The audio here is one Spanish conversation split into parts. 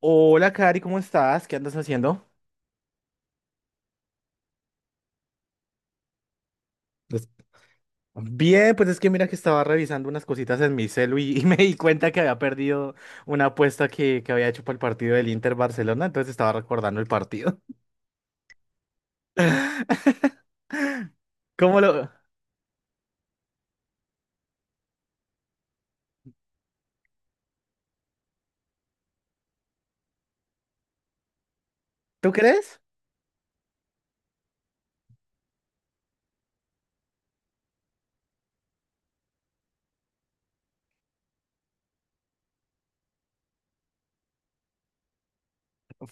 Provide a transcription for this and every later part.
Hola, Cari, ¿cómo estás? ¿Qué andas haciendo? Es- Bien, pues es que mira que estaba revisando unas cositas en mi celu y me di cuenta que había perdido una apuesta que había hecho para el partido del Inter Barcelona, entonces estaba recordando el partido. ¿Cómo lo... ¿Tú crees?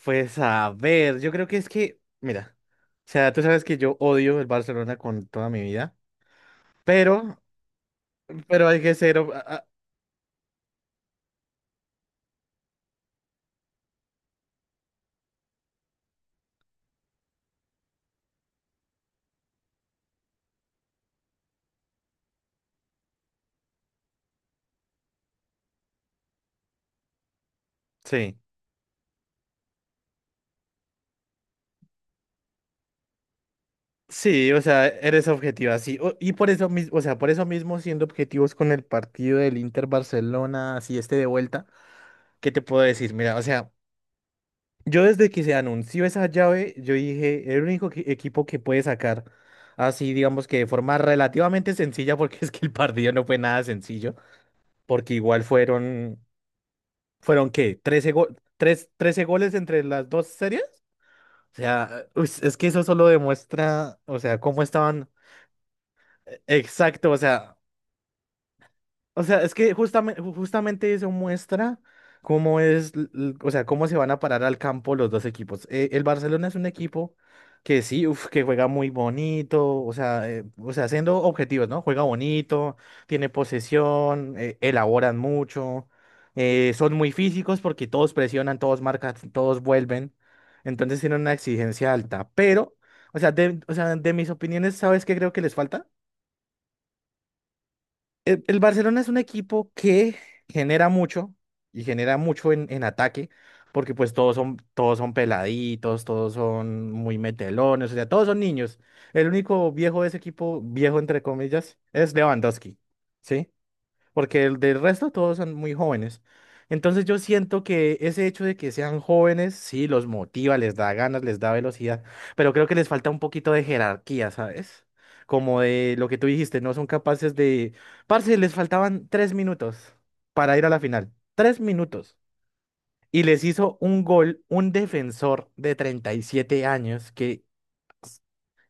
Pues a ver, yo creo que es que, mira, o sea, tú sabes que yo odio el Barcelona con toda mi vida, pero, pero hay que ser, sí. Sí, o sea, eres objetiva, sí, o- Y por eso mismo, o sea, por eso mismo siendo objetivos con el partido del Inter Barcelona, así este de vuelta, ¿qué te puedo decir? Mira, o sea, yo desde que se anunció esa llave, yo dije, el único equipo que puede sacar así, digamos que de forma relativamente sencilla, porque es que el partido no fue nada sencillo, porque igual fueron, ¿fueron qué? Trece goles entre las dos series? O sea, uy, es que eso solo demuestra, o sea, cómo estaban. Exacto, o sea. O sea, es que justamente, justamente eso muestra cómo es, o sea, cómo se van a parar al campo los dos equipos. El Barcelona es un equipo que sí, uf, que juega muy bonito, o sea, siendo objetivos, ¿no? Juega bonito, tiene posesión, elaboran mucho, son muy físicos porque todos presionan, todos marcan, todos vuelven. Entonces tienen una exigencia alta. Pero, o sea, o sea, de mis opiniones, ¿sabes qué creo que les falta? El Barcelona es un equipo que genera mucho y genera mucho en ataque, porque pues todos son peladitos, todos son muy metelones, o sea, todos son niños. El único viejo de ese equipo, viejo entre comillas, es Lewandowski, ¿sí? Porque el del resto todos son muy jóvenes. Entonces yo siento que ese hecho de que sean jóvenes, sí, los motiva, les da ganas, les da velocidad, pero creo que les falta un poquito de jerarquía, ¿sabes? Como de lo que tú dijiste, no son capaces de... Parce, les faltaban tres minutos para ir a la final. Tres minutos. Y les hizo un gol un defensor de 37 años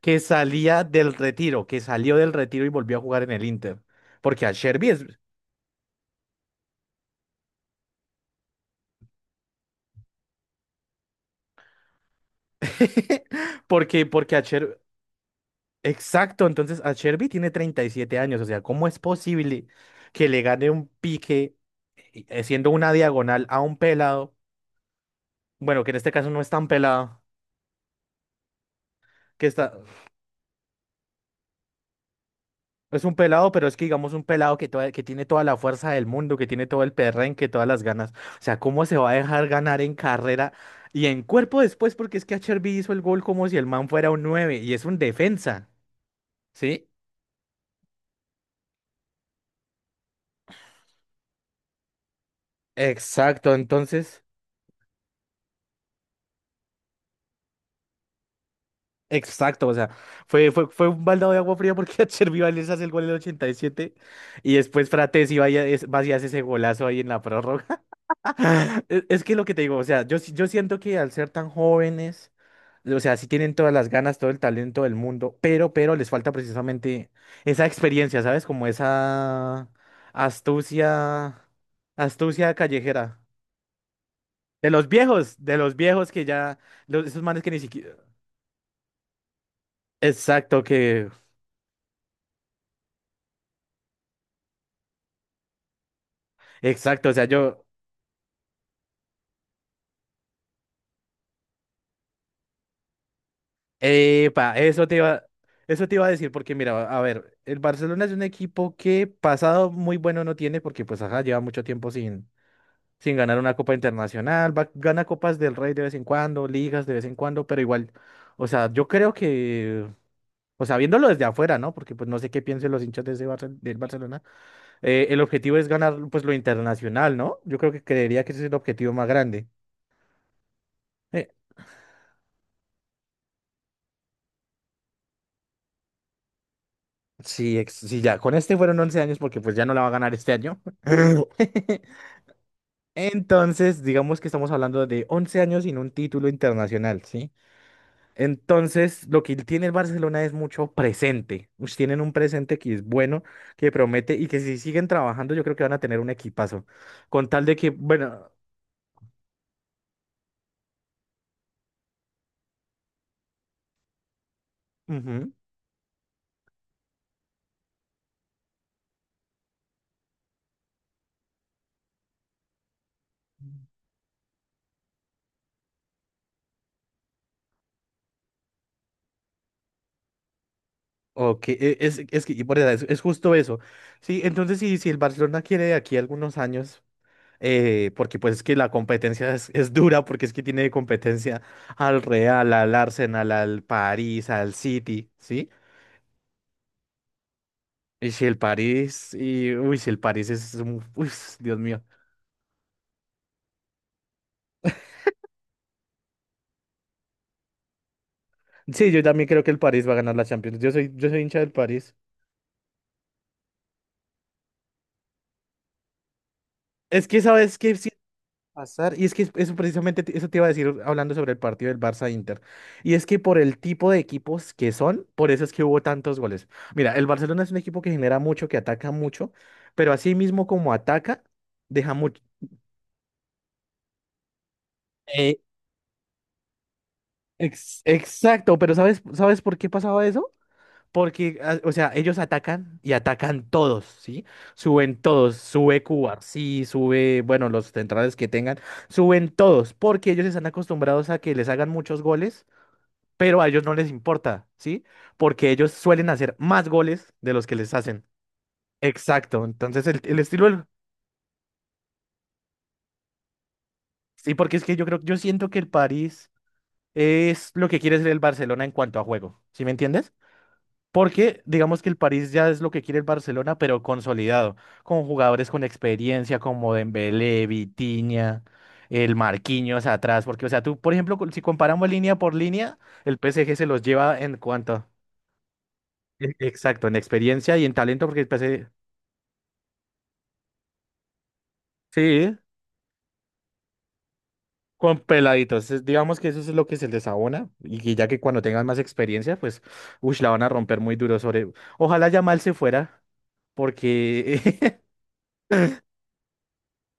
que salía del retiro, que salió del retiro y volvió a jugar en el Inter. Porque a Sherby es. Porque, porque a Cher- Exacto, entonces a Cherby tiene 37 años, o sea, ¿cómo es posible que le gane un pique siendo una diagonal a un pelado? Bueno, que en este caso no es tan pelado, que está, es un pelado, pero es que digamos un pelado que, que tiene toda la fuerza del mundo, que tiene todo el perrenque, todas las ganas. O sea, ¿cómo se va a dejar ganar en carrera y en cuerpo después? Porque es que a Cherby hizo el gol como si el man fuera un 9 y es un defensa, ¿sí? Exacto, entonces... Exacto, o sea, fue un baldado de agua fría porque Chervi les hace el gol en el 87 y siete y después Frates iba y va y hace ese golazo ahí en la prórroga. Es que lo que te digo, o sea, yo, yo siento que al ser tan jóvenes, o sea, sí tienen todas las ganas, todo el talento del mundo, pero les falta precisamente esa experiencia, ¿sabes? Como esa astucia, astucia callejera. De los viejos que ya, esos manes que ni siquiera... Exacto, que... Exacto, o sea, yo... Epa, eso te iba a decir, porque mira, a ver, el Barcelona es un equipo que pasado muy bueno no tiene, porque pues ajá, lleva mucho tiempo sin ganar una copa internacional, gana copas del Rey de vez en cuando, ligas de vez en cuando, pero igual, o sea, yo creo que, o sea, viéndolo desde afuera, ¿no? Porque pues no sé qué piensen los hinchas de ese del Barcelona, el objetivo es ganar pues lo internacional, ¿no? Yo creo que creería que ese es el objetivo más grande. Eh, sí, ya, con este fueron 11 años porque pues ya no la va a ganar este año. Entonces, digamos que estamos hablando de 11 años sin un título internacional, ¿sí? Entonces, lo que tiene el Barcelona es mucho presente. Ush, tienen un presente que es bueno, que promete y que si siguen trabajando, yo creo que van a tener un equipazo. Con tal de que, bueno, ujú, ok, es que y por edad, es justo eso. Sí, entonces, si el Barcelona quiere de aquí a algunos años, porque pues es que la competencia es dura, porque es que tiene competencia al Real, al Arsenal, al París, al City, ¿sí? Y si el París, y uy, si el París es un, uy, Dios mío. Sí, yo también creo que el París va a ganar la Champions. Yo soy hincha del París. Es que sabes qué sí va a pasar, y es que eso precisamente eso te iba a decir hablando sobre el partido del Barça Inter. Y es que por el tipo de equipos que son, por eso es que hubo tantos goles. Mira, el Barcelona es un equipo que genera mucho, que ataca mucho, pero así mismo como ataca, deja mucho. Eh, exacto, pero ¿sabes, sabes por qué pasaba eso? Porque, ah, o sea, ellos atacan y atacan todos, ¿sí? Suben todos, sube Cuba, sí, sube, bueno, los centrales que tengan, suben todos, porque ellos están acostumbrados a que les hagan muchos goles, pero a ellos no les importa, ¿sí? Porque ellos suelen hacer más goles de los que les hacen. Exacto, entonces el estilo, del- sí, porque es que yo creo, yo siento que el París es lo que quiere ser el Barcelona en cuanto a juego, ¿sí me entiendes? Porque digamos que el París ya es lo que quiere el Barcelona, pero consolidado, con jugadores con experiencia como Dembélé, Vitinha, el Marquinhos atrás, porque o sea, tú, por ejemplo, si comparamos línea por línea, el PSG se los lleva en cuanto, exacto, en experiencia y en talento, porque el PSG, sí, con peladitos, digamos que eso es lo que se les abona, y que ya que cuando tengan más experiencia, pues, uy, la van a romper muy duro sobre, ojalá Yamal se fuera, porque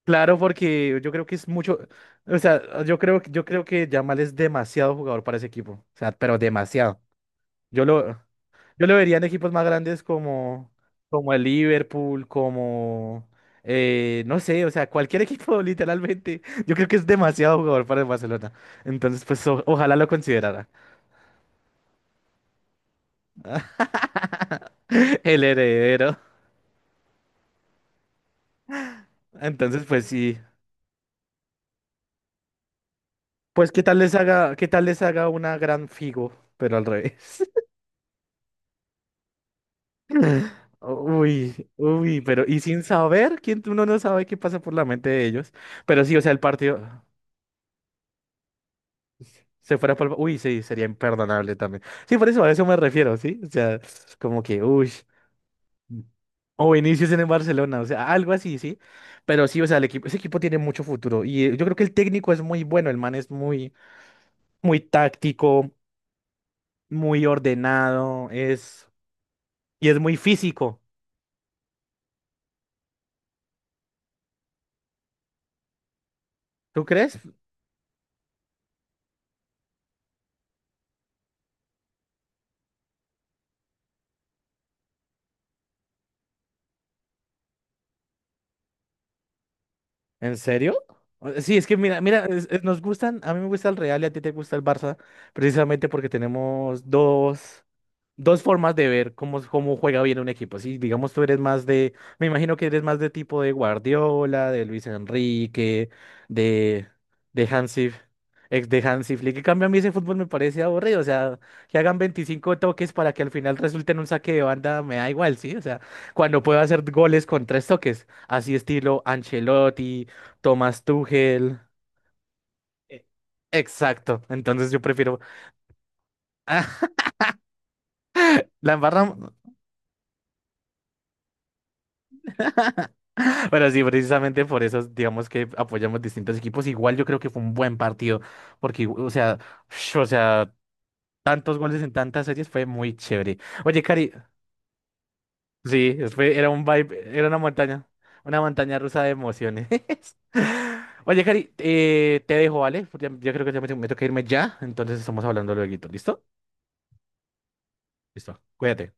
Claro, porque yo creo que es mucho, o sea, yo creo que Yamal es demasiado jugador para ese equipo, o sea, pero demasiado. Yo lo, yo lo vería en equipos más grandes como, como el Liverpool, como, no sé, o sea, cualquier equipo literalmente. Yo creo que es demasiado jugador para el Barcelona. Entonces, pues, o- ojalá lo considerara el heredero. Entonces, pues sí, pues qué tal les haga una gran Figo, pero al revés. Oh, uy, pero y sin saber quién uno no sabe qué pasa por la mente de ellos. Pero sí, o sea, el partido se fuera por... Uy, sí, sería imperdonable también. Sí, por eso a eso me refiero, ¿sí? O sea, como que, uy. O Vinicius en el Barcelona, o sea, algo así, sí. Pero sí, o sea, el equipo, ese equipo tiene mucho futuro. Y yo creo que el técnico es muy bueno, el man es muy, muy táctico, muy ordenado, es, y es muy físico. ¿Tú crees? ¿En serio? O- Sí, es que mira, mira, nos gustan, a mí me gusta el Real y a ti te gusta el Barça, precisamente porque tenemos dos formas de ver cómo, cómo juega bien un equipo. Si, digamos, tú eres más de, me imagino que eres más de tipo de Guardiola, de Luis Enrique, de, de Hansi, ex de Hansi Flick. En cambio, a mí ese fútbol me parece aburrido. O sea, que hagan 25 toques para que al final resulte en un saque de banda, me da igual, ¿sí? O sea, cuando puedo hacer goles con tres toques, así estilo Ancelotti, Thomas Tuchel. e- Exacto, entonces yo prefiero. Ah, la embarramos. Bueno, sí, precisamente por eso, digamos que apoyamos distintos equipos. Igual yo creo que fue un buen partido, porque, o sea, o sea, tantos goles en tantas series fue muy chévere. Oye, Cari, sí, fue, era un vibe, era una montaña rusa de emociones. Oye, Cari, te dejo, ¿vale? Porque ya- Yo creo que ya me toca irme ya, entonces estamos hablando luego, ¿listo? Listo, cuídate.